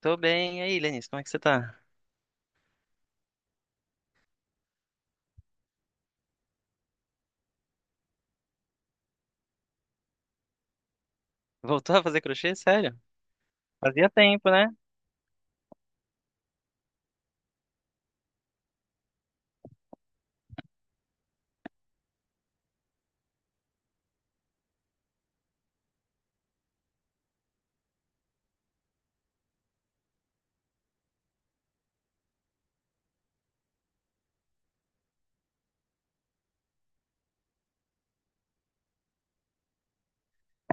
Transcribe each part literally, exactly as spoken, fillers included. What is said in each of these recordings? Tô bem. E aí, Lenice, como é que você tá? Voltou a fazer crochê? Sério? Fazia tempo, né?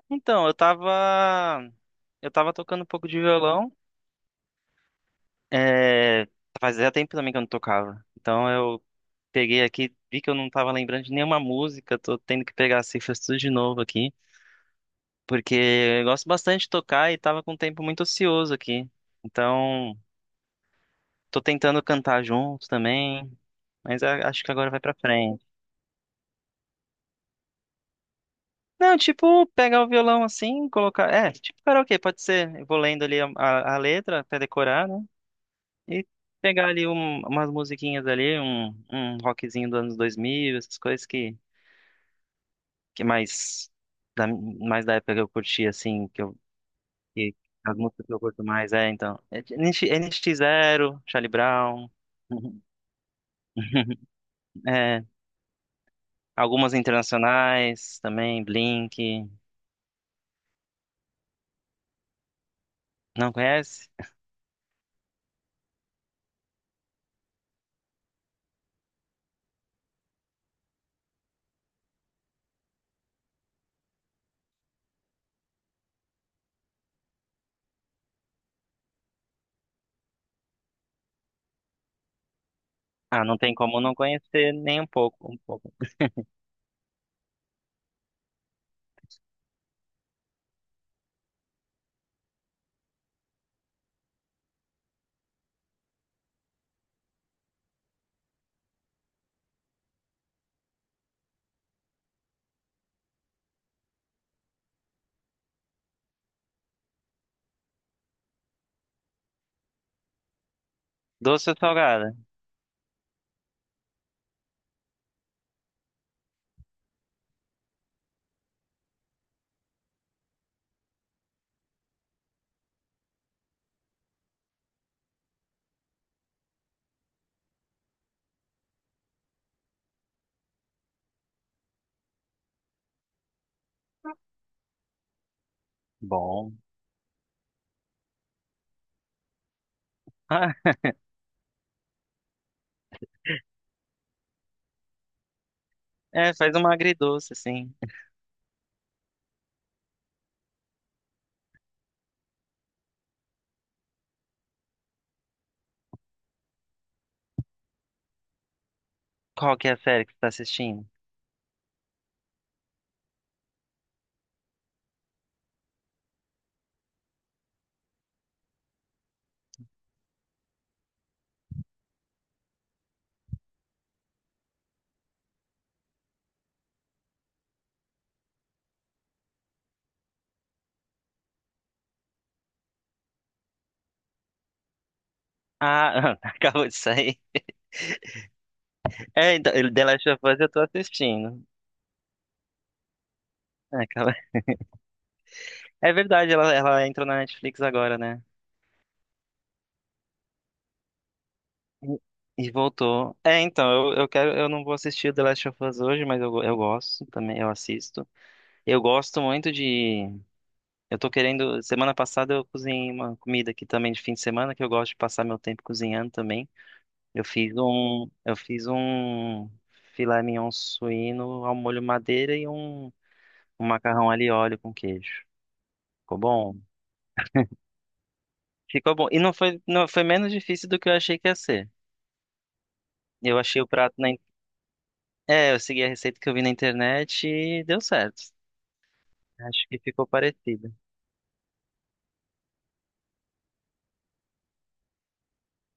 Então, eu tava. Eu tava tocando um pouco de violão. É... Fazia tempo também que eu não tocava. Então eu peguei aqui, vi que eu não tava lembrando de nenhuma música, tô tendo que pegar as cifras tudo de novo aqui. Porque eu gosto bastante de tocar e tava com um tempo muito ocioso aqui. Então, tô tentando cantar junto também, mas a- acho que agora vai pra frente. Não, tipo, pegar o violão assim, colocar. É, tipo karaokê, pode ser. Eu vou lendo ali a, a- a letra até decorar, né? E pegar ali um- umas musiquinhas ali, um, um rockzinho dos anos dois mil, essas coisas que, que mais, da, mais da época que eu curti, assim, que eu. Que, As músicas que eu curto mais, é, então. É, N X Zero, Charlie Brown. É, algumas internacionais também, Blink. Não conhece? Ah, não tem como não conhecer nem um pouco. um Doce ou salgada? Bom. Ah, é, faz uma agridoce, assim. Qual que é a série que você tá assistindo? Ah, acabou de sair. É, então, The Last of Us eu tô assistindo. É, acaba- é verdade, ela, ela entrou na Netflix agora, né? E, e voltou. É, então, eu, eu quero, eu não vou assistir The Last of Us hoje, mas eu, go- eu gosto também, eu assisto. Eu gosto muito de. Eu tô querendo. Semana passada eu cozinhei uma comida aqui também de fim de semana, que eu gosto de passar meu tempo cozinhando também. Eu fiz um, eu fiz um filé mignon suíno ao molho madeira e um, um macarrão ali óleo com queijo. Ficou bom? Ficou bom. E não foi, não foi menos difícil do que eu achei que ia ser. Eu achei o prato na, in- é, eu segui a receita que eu vi na internet e deu certo. Acho que ficou parecido.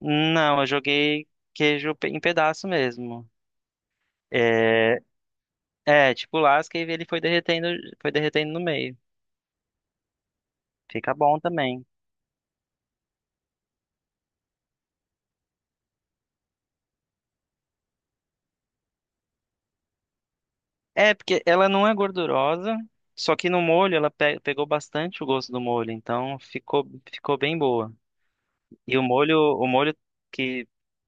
Não, eu joguei queijo pe- em pedaço mesmo. É, é, tipo lasca e ele foi derretendo, foi derretendo no meio. Fica bom também. É, porque ela não é gordurosa, só que no molho ela pe- pegou bastante o gosto do molho, então ficou, ficou bem boa. E o molho, o molho que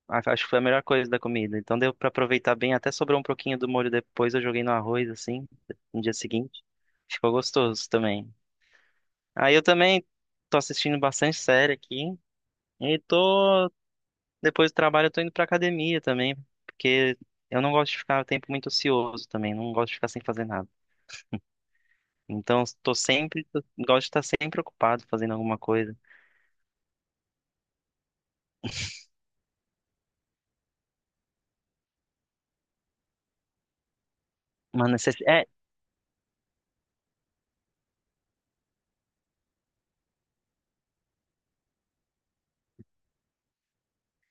a- acho que foi a melhor coisa da comida, então deu pra aproveitar bem, até sobrou um pouquinho do molho depois, eu joguei no arroz assim, no dia seguinte. Ficou gostoso também. Aí eu também tô assistindo bastante série aqui e tô depois do trabalho eu tô indo pra academia também, porque eu não gosto de ficar o tempo muito ocioso também, não gosto de ficar sem fazer nada. Então, tô sempre, tô- gosto de estar sempre ocupado fazendo alguma coisa. Uma necess... é,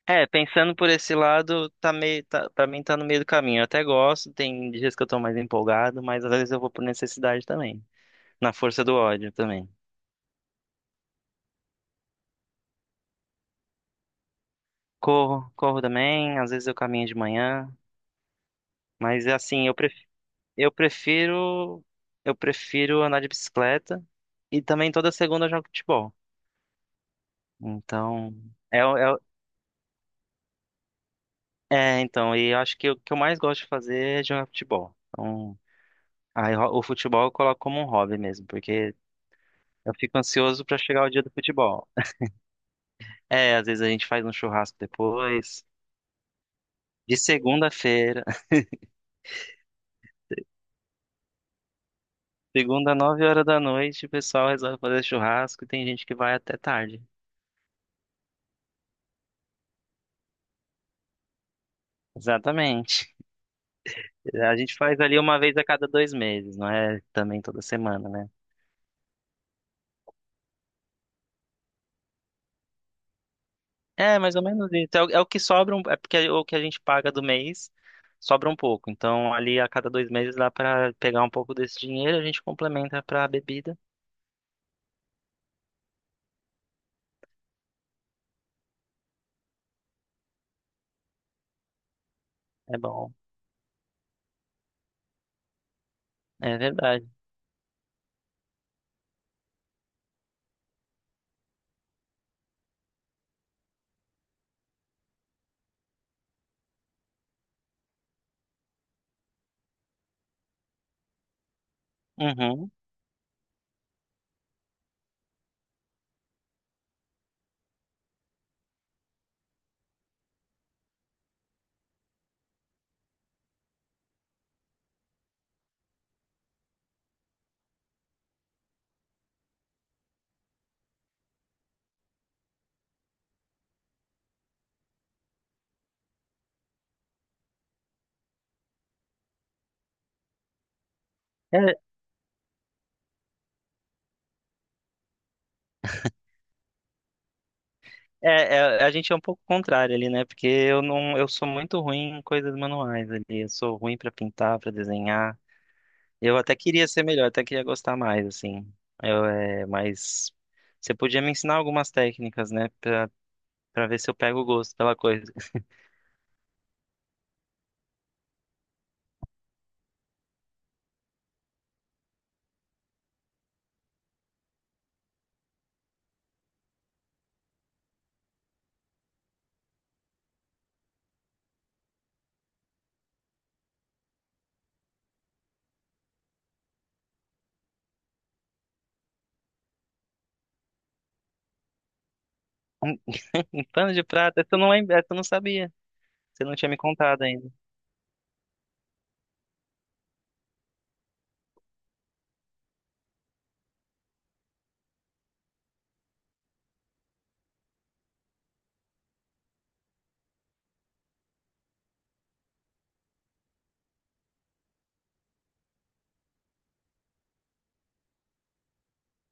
é, pensando por esse lado, tá meio, tá, pra mim tá no meio do caminho. Eu até gosto, tem dias que eu tô mais empolgado, mas às vezes eu vou por necessidade também. Na força do ódio também. Corro, corro também, às vezes eu caminho de manhã, mas é assim, eu prefiro, eu prefiro, eu prefiro andar de bicicleta e também toda segunda eu jogo futebol. Então, é o- é, É, então, e eu acho que o que eu mais gosto de fazer é jogar futebol. Então, aí, ro- o futebol eu coloco como um hobby mesmo, porque eu fico ansioso pra chegar o dia do futebol. É, às vezes a gente faz um churrasco depois. De segunda-feira, segunda, nove horas da noite, o pessoal resolve fazer churrasco e tem gente que vai até tarde. Exatamente. A gente faz ali uma vez a cada dois meses, não é também toda semana, né? É, mais ou menos isso. É o, é o que sobra, um, é porque é o que a gente paga do mês sobra um pouco. Então, ali a cada dois meses dá pra pegar um pouco desse dinheiro, a gente complementa pra bebida. É bom. É verdade. Uhum. É, é, é- a gente é um pouco contrário ali, né? Porque eu não, eu sou muito ruim em coisas manuais ali. Eu sou ruim pra pintar, pra desenhar. Eu até queria ser melhor, até queria gostar mais, assim. Eu, é, mas você podia me ensinar algumas técnicas, né? Pra, pra ver se eu pego o gosto pela coisa. Um pano de prata? Essa eu não, lembra- essa eu não sabia. Você não tinha me contado ainda.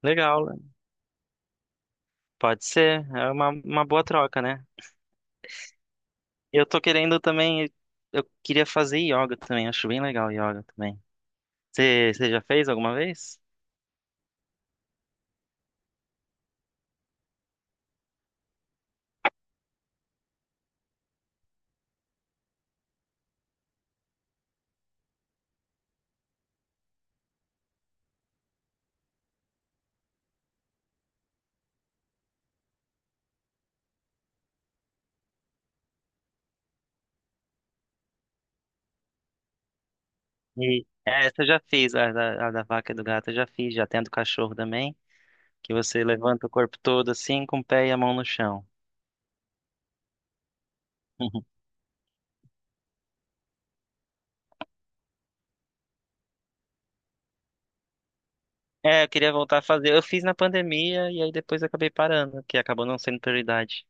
Legal, né? Pode ser. É uma, uma boa troca, né? Eu tô querendo também. Eu queria fazer yoga também. Acho bem legal yoga também. Você, você já fez alguma vez? E essa eu já fiz, a da, a da vaca e do gato eu já fiz, já tem a do cachorro também. Que você levanta o corpo todo assim, com o pé e a mão no chão. É, eu queria voltar a fazer. Eu fiz na pandemia e aí depois acabei parando, que acabou não sendo prioridade.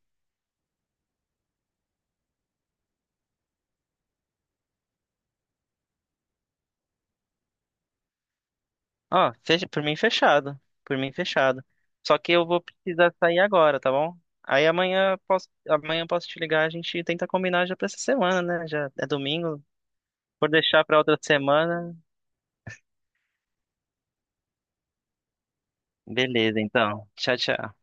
Ó, fecha, por mim fechado. Por mim fechado. Só que eu vou precisar sair agora, tá bom? Aí amanhã eu posso, amanhã eu posso te ligar, a gente tenta combinar já pra essa semana, né? Já é domingo. Por deixar pra outra semana. Beleza, então. Tchau, tchau.